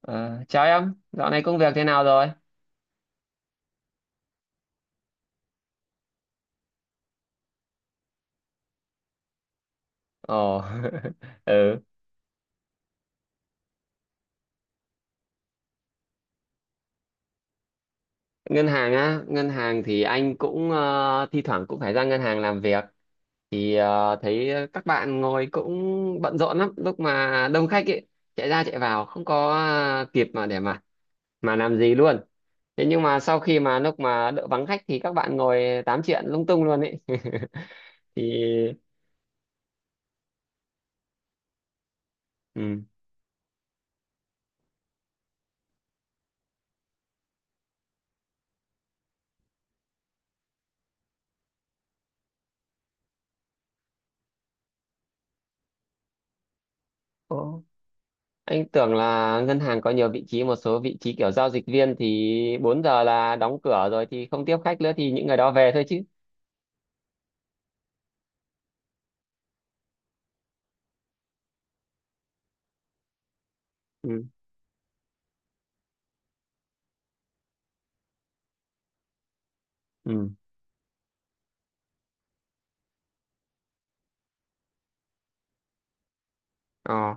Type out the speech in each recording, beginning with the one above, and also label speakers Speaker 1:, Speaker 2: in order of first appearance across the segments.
Speaker 1: Ờ, Chào em, dạo này công việc thế nào rồi? Ồ, ừ. Ngân hàng á, ngân hàng thì anh cũng thi thoảng cũng phải ra ngân hàng làm việc. Thì thấy các bạn ngồi cũng bận rộn lắm, lúc mà đông khách ấy, chạy ra chạy vào, không có kịp mà để mà làm gì luôn. Thế nhưng mà sau khi mà lúc mà đỡ vắng khách thì các bạn ngồi tám chuyện lung tung luôn ấy. Thì ừ. Anh tưởng là ngân hàng có nhiều vị trí, một số vị trí kiểu giao dịch viên thì 4 giờ là đóng cửa rồi thì không tiếp khách nữa thì những người đó về thôi chứ. Ừ. Ừ. Ờ.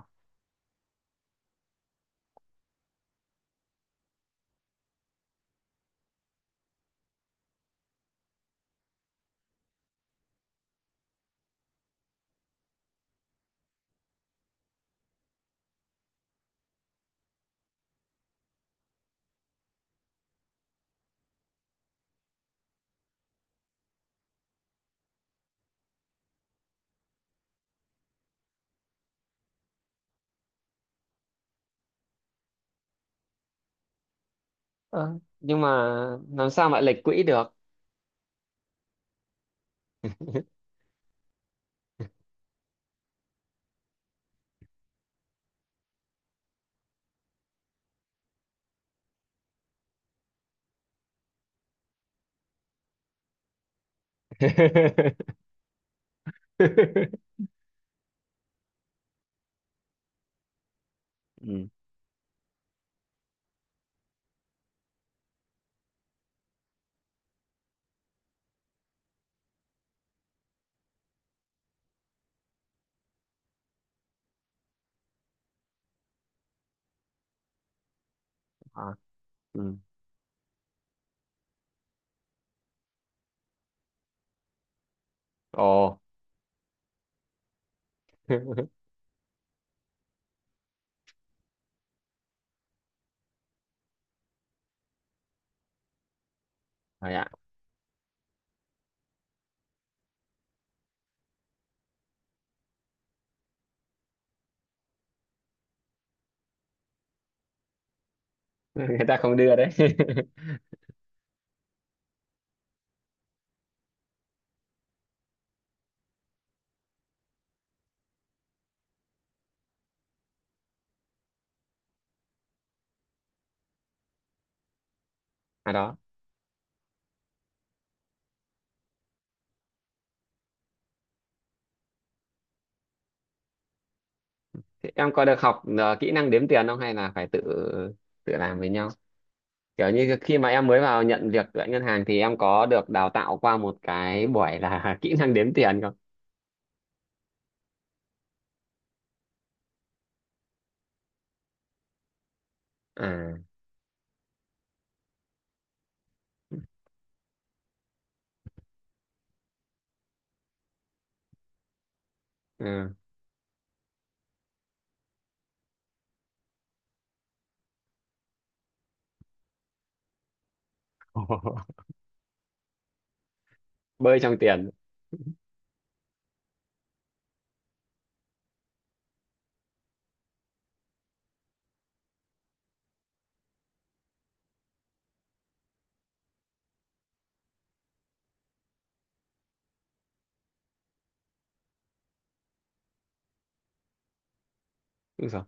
Speaker 1: Ờ, nhưng mà làm sao mà lệch quỹ được? ừ. Ờ. Ừ. Ồ. Rồi ạ. Người ta không đưa đấy. À đó. Thế em có được học kỹ năng đếm tiền không hay là phải tự tự làm với nhau? Kiểu như khi mà em mới vào nhận việc tại ngân hàng thì em có được đào tạo qua một cái buổi là kỹ năng đếm tiền không? À, ừ. Bơi trong tiền. Đúng rồi.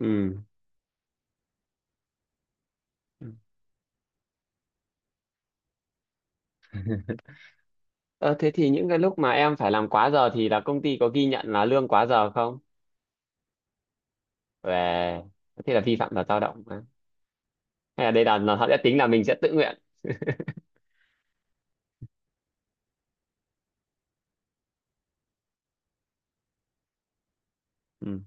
Speaker 1: Ừ. Ờ, thế thì những cái lúc mà em phải làm quá giờ thì là công ty có ghi nhận là lương quá giờ không về? Thế là vi phạm luật lao động á? Hay là đây là nó- họ sẽ tính là mình sẽ tự nguyện. Ừ.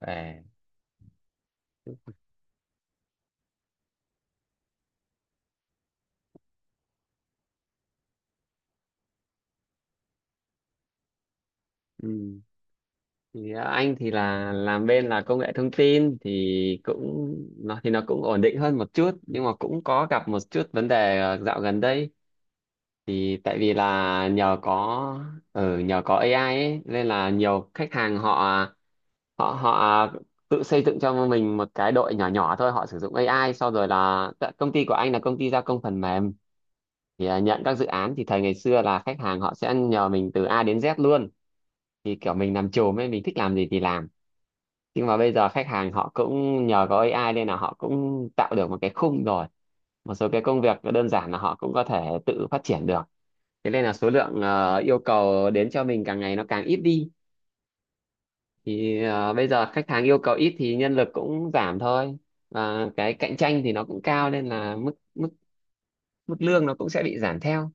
Speaker 1: À. Ừ. Thì anh thì là làm bên là công nghệ thông tin thì cũng nó thì nó cũng ổn định hơn một chút nhưng mà cũng có gặp một chút vấn đề dạo gần đây. Thì tại vì là nhờ có ở nhờ có AI ấy, nên là nhiều khách hàng họ họ họ tự xây dựng cho mình một cái đội nhỏ nhỏ thôi, họ sử dụng AI sau rồi là tại công ty của anh là công ty gia công phần mềm. Thì nhận các dự án thì thầy ngày xưa là khách hàng họ sẽ nhờ mình từ A đến Z luôn. Thì kiểu mình làm chùm ấy, mình thích làm gì thì làm, nhưng mà bây giờ khách hàng họ cũng nhờ có AI nên là họ cũng tạo được một cái khung rồi. Một số cái công việc đơn giản là họ cũng có thể tự phát triển được. Thế nên là số lượng yêu cầu đến cho mình càng ngày nó càng ít đi. Thì bây giờ khách hàng yêu cầu ít thì nhân lực cũng giảm thôi. Và cái cạnh tranh thì nó cũng cao nên là mức mức mức lương nó cũng sẽ bị giảm theo.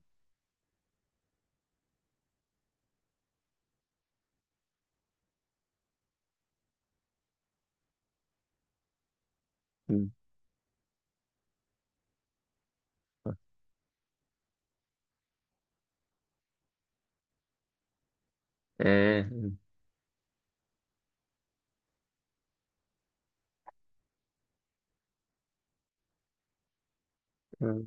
Speaker 1: Ừ. À. Ừ.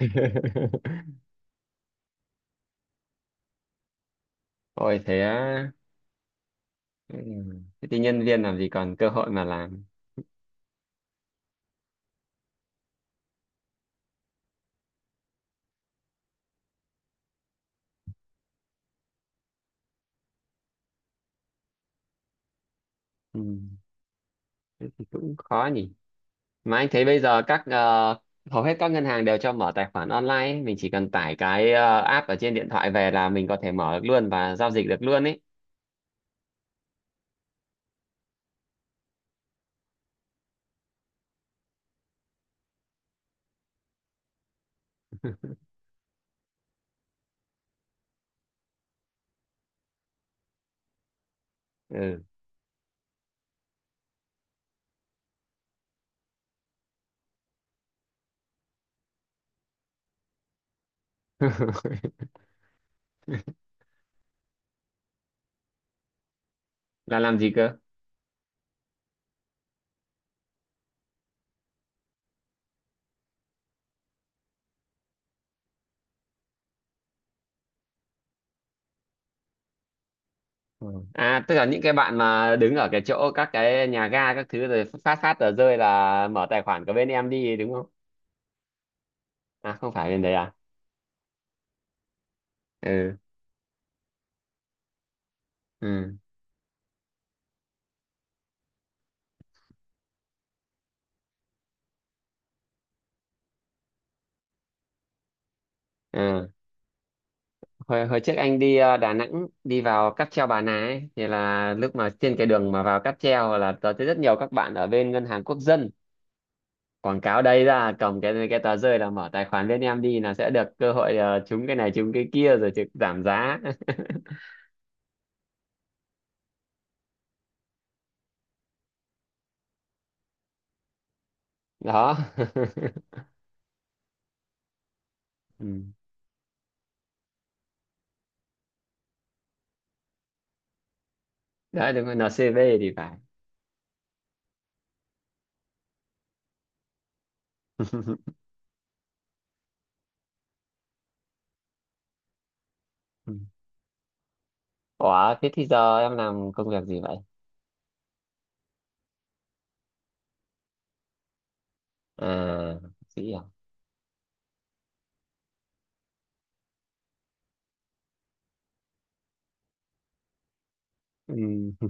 Speaker 1: Ôi thế á. Ừ. Thế thì nhân viên làm gì còn cơ hội mà làm. Ừ. Thế thì cũng khó nhỉ. Mà anh thấy bây giờ các hầu hết các ngân hàng đều cho mở tài khoản online ấy. Mình chỉ cần tải cái app ở trên điện thoại về là mình có thể mở được luôn và giao dịch được luôn ấy. Ừ. Là làm gì cơ? Ừ. À tức là những cái bạn mà đứng ở cái chỗ các cái nhà ga các thứ rồi phát phát tờ rơi là mở tài khoản của bên em đi đúng không? À không phải bên đấy à? Ừ. Ừ. Ừ. hồi hồi trước anh đi Đà Nẵng đi vào cáp treo Bà Nà ấy, thì là lúc mà trên cái đường mà vào cáp treo là tớ thấy rất nhiều các bạn ở bên ngân hàng quốc dân quảng cáo đây ra cầm cái tờ rơi là mở tài khoản bên em đi là sẽ được cơ hội trúng cái này trúng cái kia rồi trực giảm giá. Đó. Ừ. Đấy đúng rồi, NCV thì phải. Ừ. Ủa thế thì giờ em làm công việc gì vậy? À, bác sĩ à? Ừ.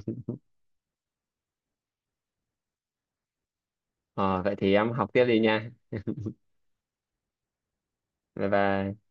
Speaker 1: Ờ, vậy thì em học tiếp đi nha. Bye bye.